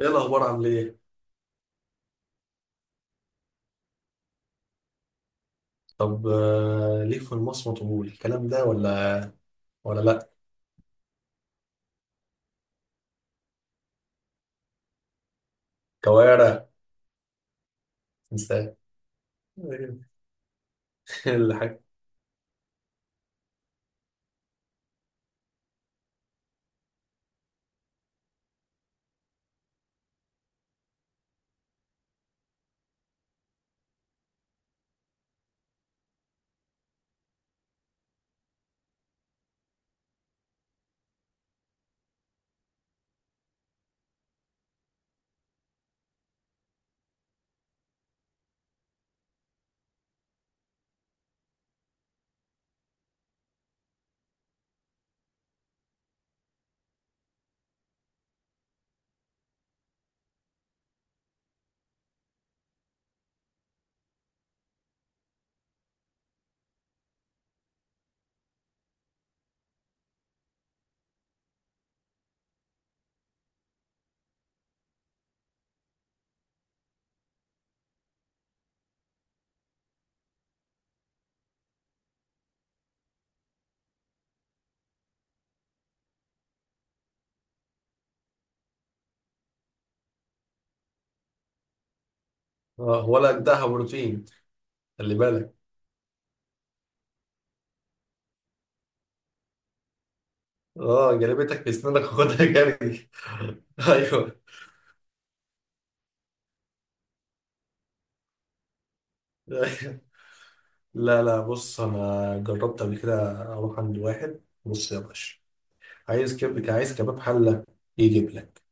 ايه الاخبار؟ عامل ايه؟ طب ليك في المصمت والكلام ده ولا؟ ولا لا. كوارع. انسان. الحاجة. اه، ولا اجدعها بروتين. خلي بالك. اه، جلبتك في اسنانك، خدها جري. ايوه. لا لا، بص انا جربت قبل كده اروح عند واحد، بص يا باشا. عايز عايز كباب حله، يجيب لك.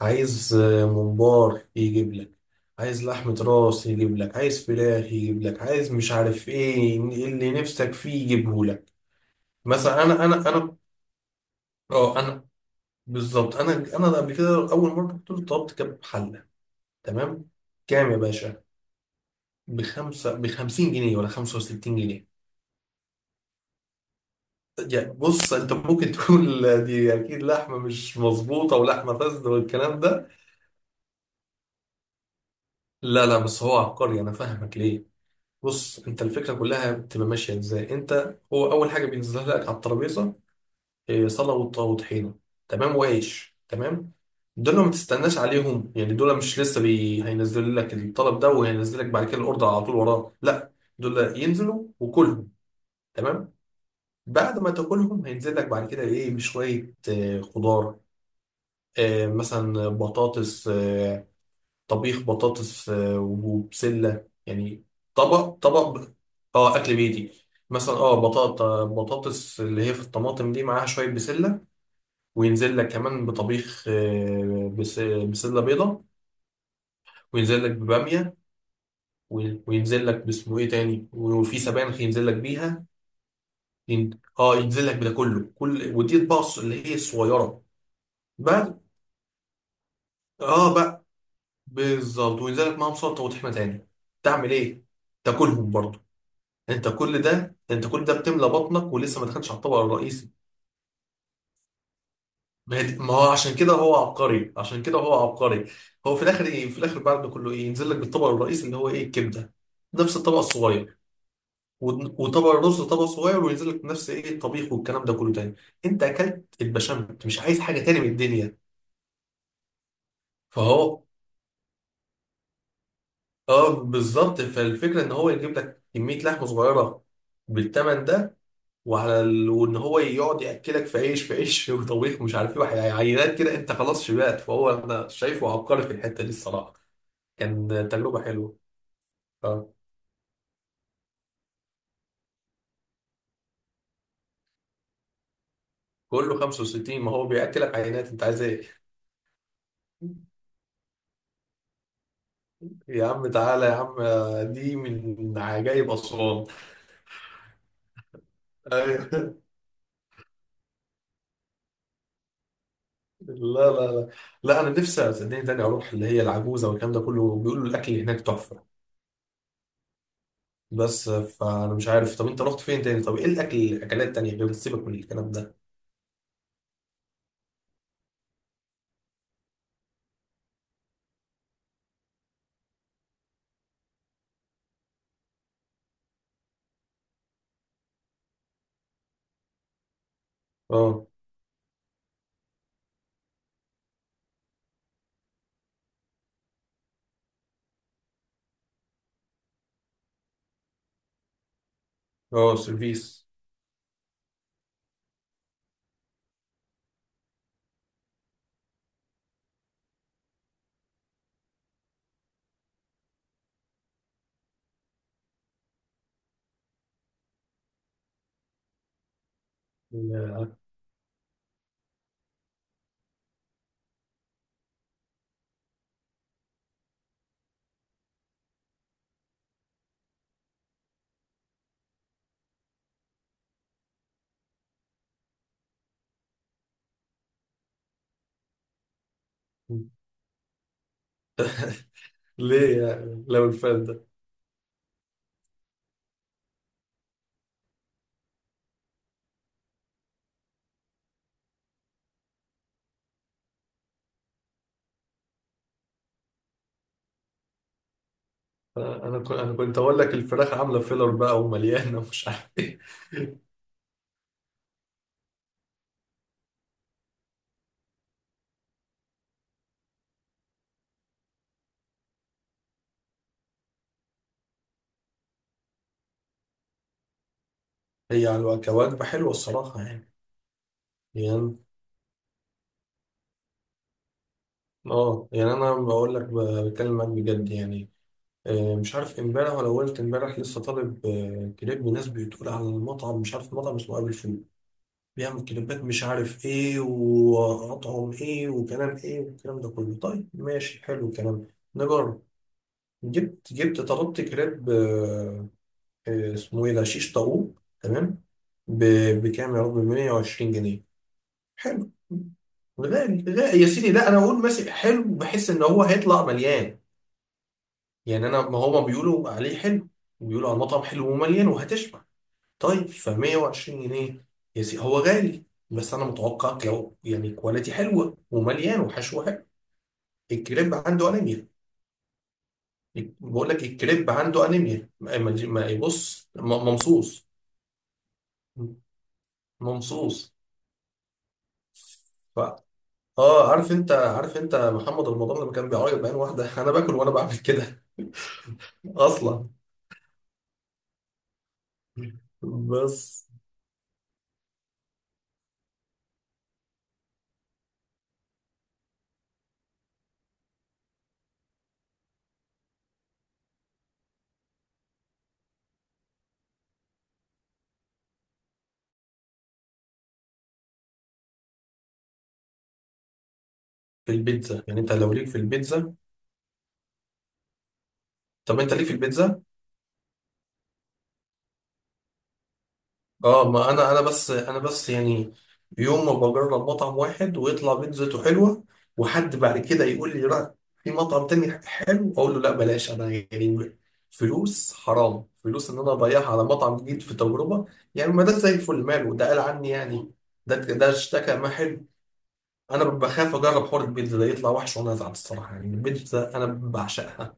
عايز ممبار يجيب لك. عايز لحمة راس يجيب لك، عايز فراخ يجيب لك، عايز مش عارف ايه اللي نفسك فيه يجيبه لك. مثلا انا اه انا، بالظبط. انا قبل كده اول مرة كنت طلبت كباب حلة. تمام. كام يا باشا؟ بخمسين جنيه ولا خمسة وستين جنيه؟ يعني بص انت ممكن تقول دي اكيد لحمة مش مظبوطة ولحمة فاسدة والكلام ده. لا لا، بس هو عبقري. انا فاهمك ليه. بص، انت الفكره كلها بتبقى ماشيه ازاي. انت هو اول حاجه بينزلها لك على الترابيزه صلاه وطحينه. تمام، وعيش. تمام. دول ما تستناش عليهم، يعني دول مش لسه هينزل لك الطلب ده وهينزل لك بعد كده الاوردر على طول وراه، لا. دول ينزلوا وكلهم. تمام. بعد ما تاكلهم، هينزل لك بعد كده ايه؟ بشويه خضار. مثلا بطاطس، طبيخ بطاطس وبسلة يعني. طبق طبق ب- اه، اكل بيتي. مثلا اه بطاطس اللي هي في الطماطم دي، معاها شوية بسلة. وينزل لك كمان بطبيخ بسلة بيضة. وينزل لك ببامية. وينزل لك باسمه ايه تاني، وفي سبانخ ينزل لك بيها. اه ينزل لك بده كله، كل ودي اطباق اللي هي الصغيرة بقى. اه بقى، بالظبط. وينزل لك معاهم سلطة وطحينة تاني. تعمل ايه؟ تاكلهم برضه. انت كل ده، انت كل ده بتملى بطنك ولسه ما دخلتش على الطبق الرئيسي. ما هي دي- ما هو عشان كده هو عبقري، عشان كده هو عبقري. هو في الاخر ايه؟ في الاخر بعد ده كله ايه؟ ينزل لك بالطبق الرئيسي اللي هو ايه؟ الكبده. نفس الطبق الصغير. وطبق الرز طبق صغير، وينزل لك نفس ايه؟ الطبيخ والكلام ده كله تاني. انت اكلت البشاميل، انت مش عايز حاجه تاني من الدنيا. فهو اه بالظبط، فالفكره ان هو يجيب لك كميه لحمه صغيره بالثمن ده، وان هو يقعد ياكلك في عيش، في عيش وطبيخ ومش عارف ايه عينات كده، انت خلاص شبعت. فهو انا شايفه عبقري في الحته دي الصراحه. كان تجربه حلوه. اه، كله 65. ما هو بياكلك عينات، انت عايز ايه؟ يا عم تعالى يا عم، دي من عجائب أسوان. أيوة. لا لا لا، لا، أنا نفسي صدقني تاني أروح اللي هي العجوزة والكلام ده كله. بيقولوا الأكل هناك تحفة، بس فأنا مش عارف. طب أنت رحت فين تاني؟ طب إيه الأكل، الأكلات التانية، غير سيبك من الكلام ده. أه. اه، سيرفيس. يا. ليه؟ يعني لو الفات ده. انا انا كنت أنا كنت اقول لك الفراخ عامله فيلر بقى ومليانه ومش عارف ايه. هي على كوجبه حلوه الصراحه يعني. يعني اه يعني انا بقول لك بتكلم معاك بجد يعني. مش عارف امبارح، ولا قلت امبارح لسه طالب كريب من ناس بتقول على المطعم. مش عارف مطعم اسمه ابي فول، بيعمل كريبات مش عارف ايه وأطعم ايه وكلام ايه والكلام ده كله. طيب ماشي، حلو الكلام، نجرب. جبت طلبت كريب اسمه ايه ده؟ شيش طاووق. تمام. بكام يا رب؟ ب 120 جنيه. حلو. غالي، غالي يا سيدي. لا انا اقول ماشي حلو، بحس ان هو هيطلع مليان. يعني انا ما هما بيقولوا عليه حلو، بيقولوا على المطعم حلو ومليان وهتشبع. طيب، ف 120 جنيه يا سيدي هو غالي، بس انا متوقع يعني كواليتي حلوه ومليان وحشوه حلو. الكريب عنده انيميا. بقول لك الكريب عنده انيميا. بص ممصوص. ممصوص. ف... اه، عارف انت، عارف انت محمد رمضان لما كان بيعيط بعين واحده؟ انا باكل وانا بعمل كده. اصلا بس. في البيتزا يعني، انت لو ليك في البيتزا. طب انت ليك في البيتزا؟ اه، ما انا بس يعني يوم ما بجرب مطعم واحد ويطلع بيتزته حلوه، وحد بعد كده يقول لي لا في مطعم تاني حلو، اقول له لا بلاش. انا يعني فلوس حرام، فلوس ان انا اضيعها على مطعم جديد في تجربه، يعني. ما ده زي الفل ماله؟ ده قال عني يعني. ده اشتكى ما حلو. انا بخاف اجرب حوار البيتزا ده يطلع وحش وانا ازعل الصراحه. يعني البيتزا انا بعشقها.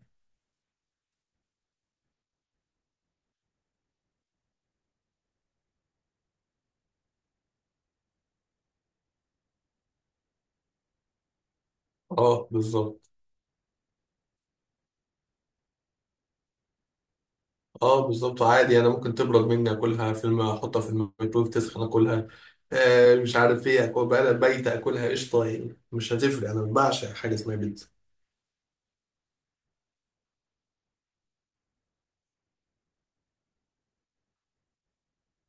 اه بالظبط. اه بالظبط، عادي انا ممكن تبرد مني اكلها فيلم، احطها في الميكرويف تسخن اكلها. آه، مش عارف ايه، اكل بقى بايته اكلها قشطه، يعني مش هتفرق. انا بعشق حاجه اسمها بيتزا.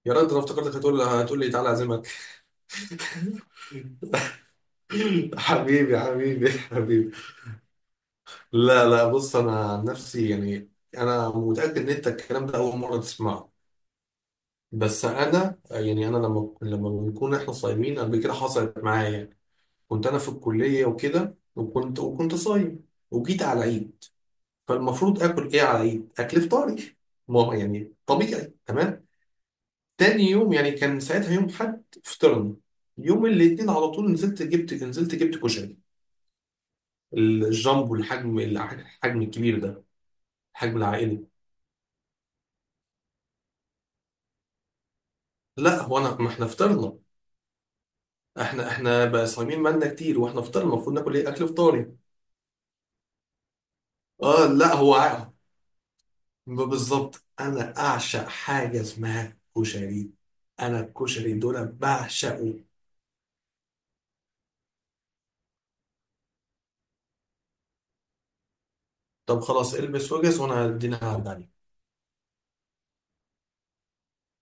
يا ريت، انا افتكرتك هتقول لي تعالى اعزمك. حبيبي حبيبي حبيبي. لا لا، بص انا عن نفسي يعني. انا متاكد ان انت الكلام ده اول مره تسمعه، بس انا يعني انا لما بنكون احنا صايمين قبل كده حصلت معايا يعني. كنت انا في الكليه وكده، وكنت صايم وجيت على العيد. فالمفروض اكل ايه على العيد؟ اكل فطاري، ما يعني طبيعي. تمام. تاني يوم، يعني كان ساعتها يوم حد، فطرنا يوم الاثنين. على طول نزلت جبت كشري، الجامبو، الحجم، الكبير ده، الحجم العائلي. لا هو انا، ما احنا فطرنا. احنا احنا بقى صايمين مالنا كتير، واحنا فطرنا المفروض ناكل ايه؟ اكل فطاري. اه لا، هو بالظبط انا اعشق حاجه اسمها كشري. انا الكشري دول بعشقه. طب خلاص، البس وجز وانا هدينا على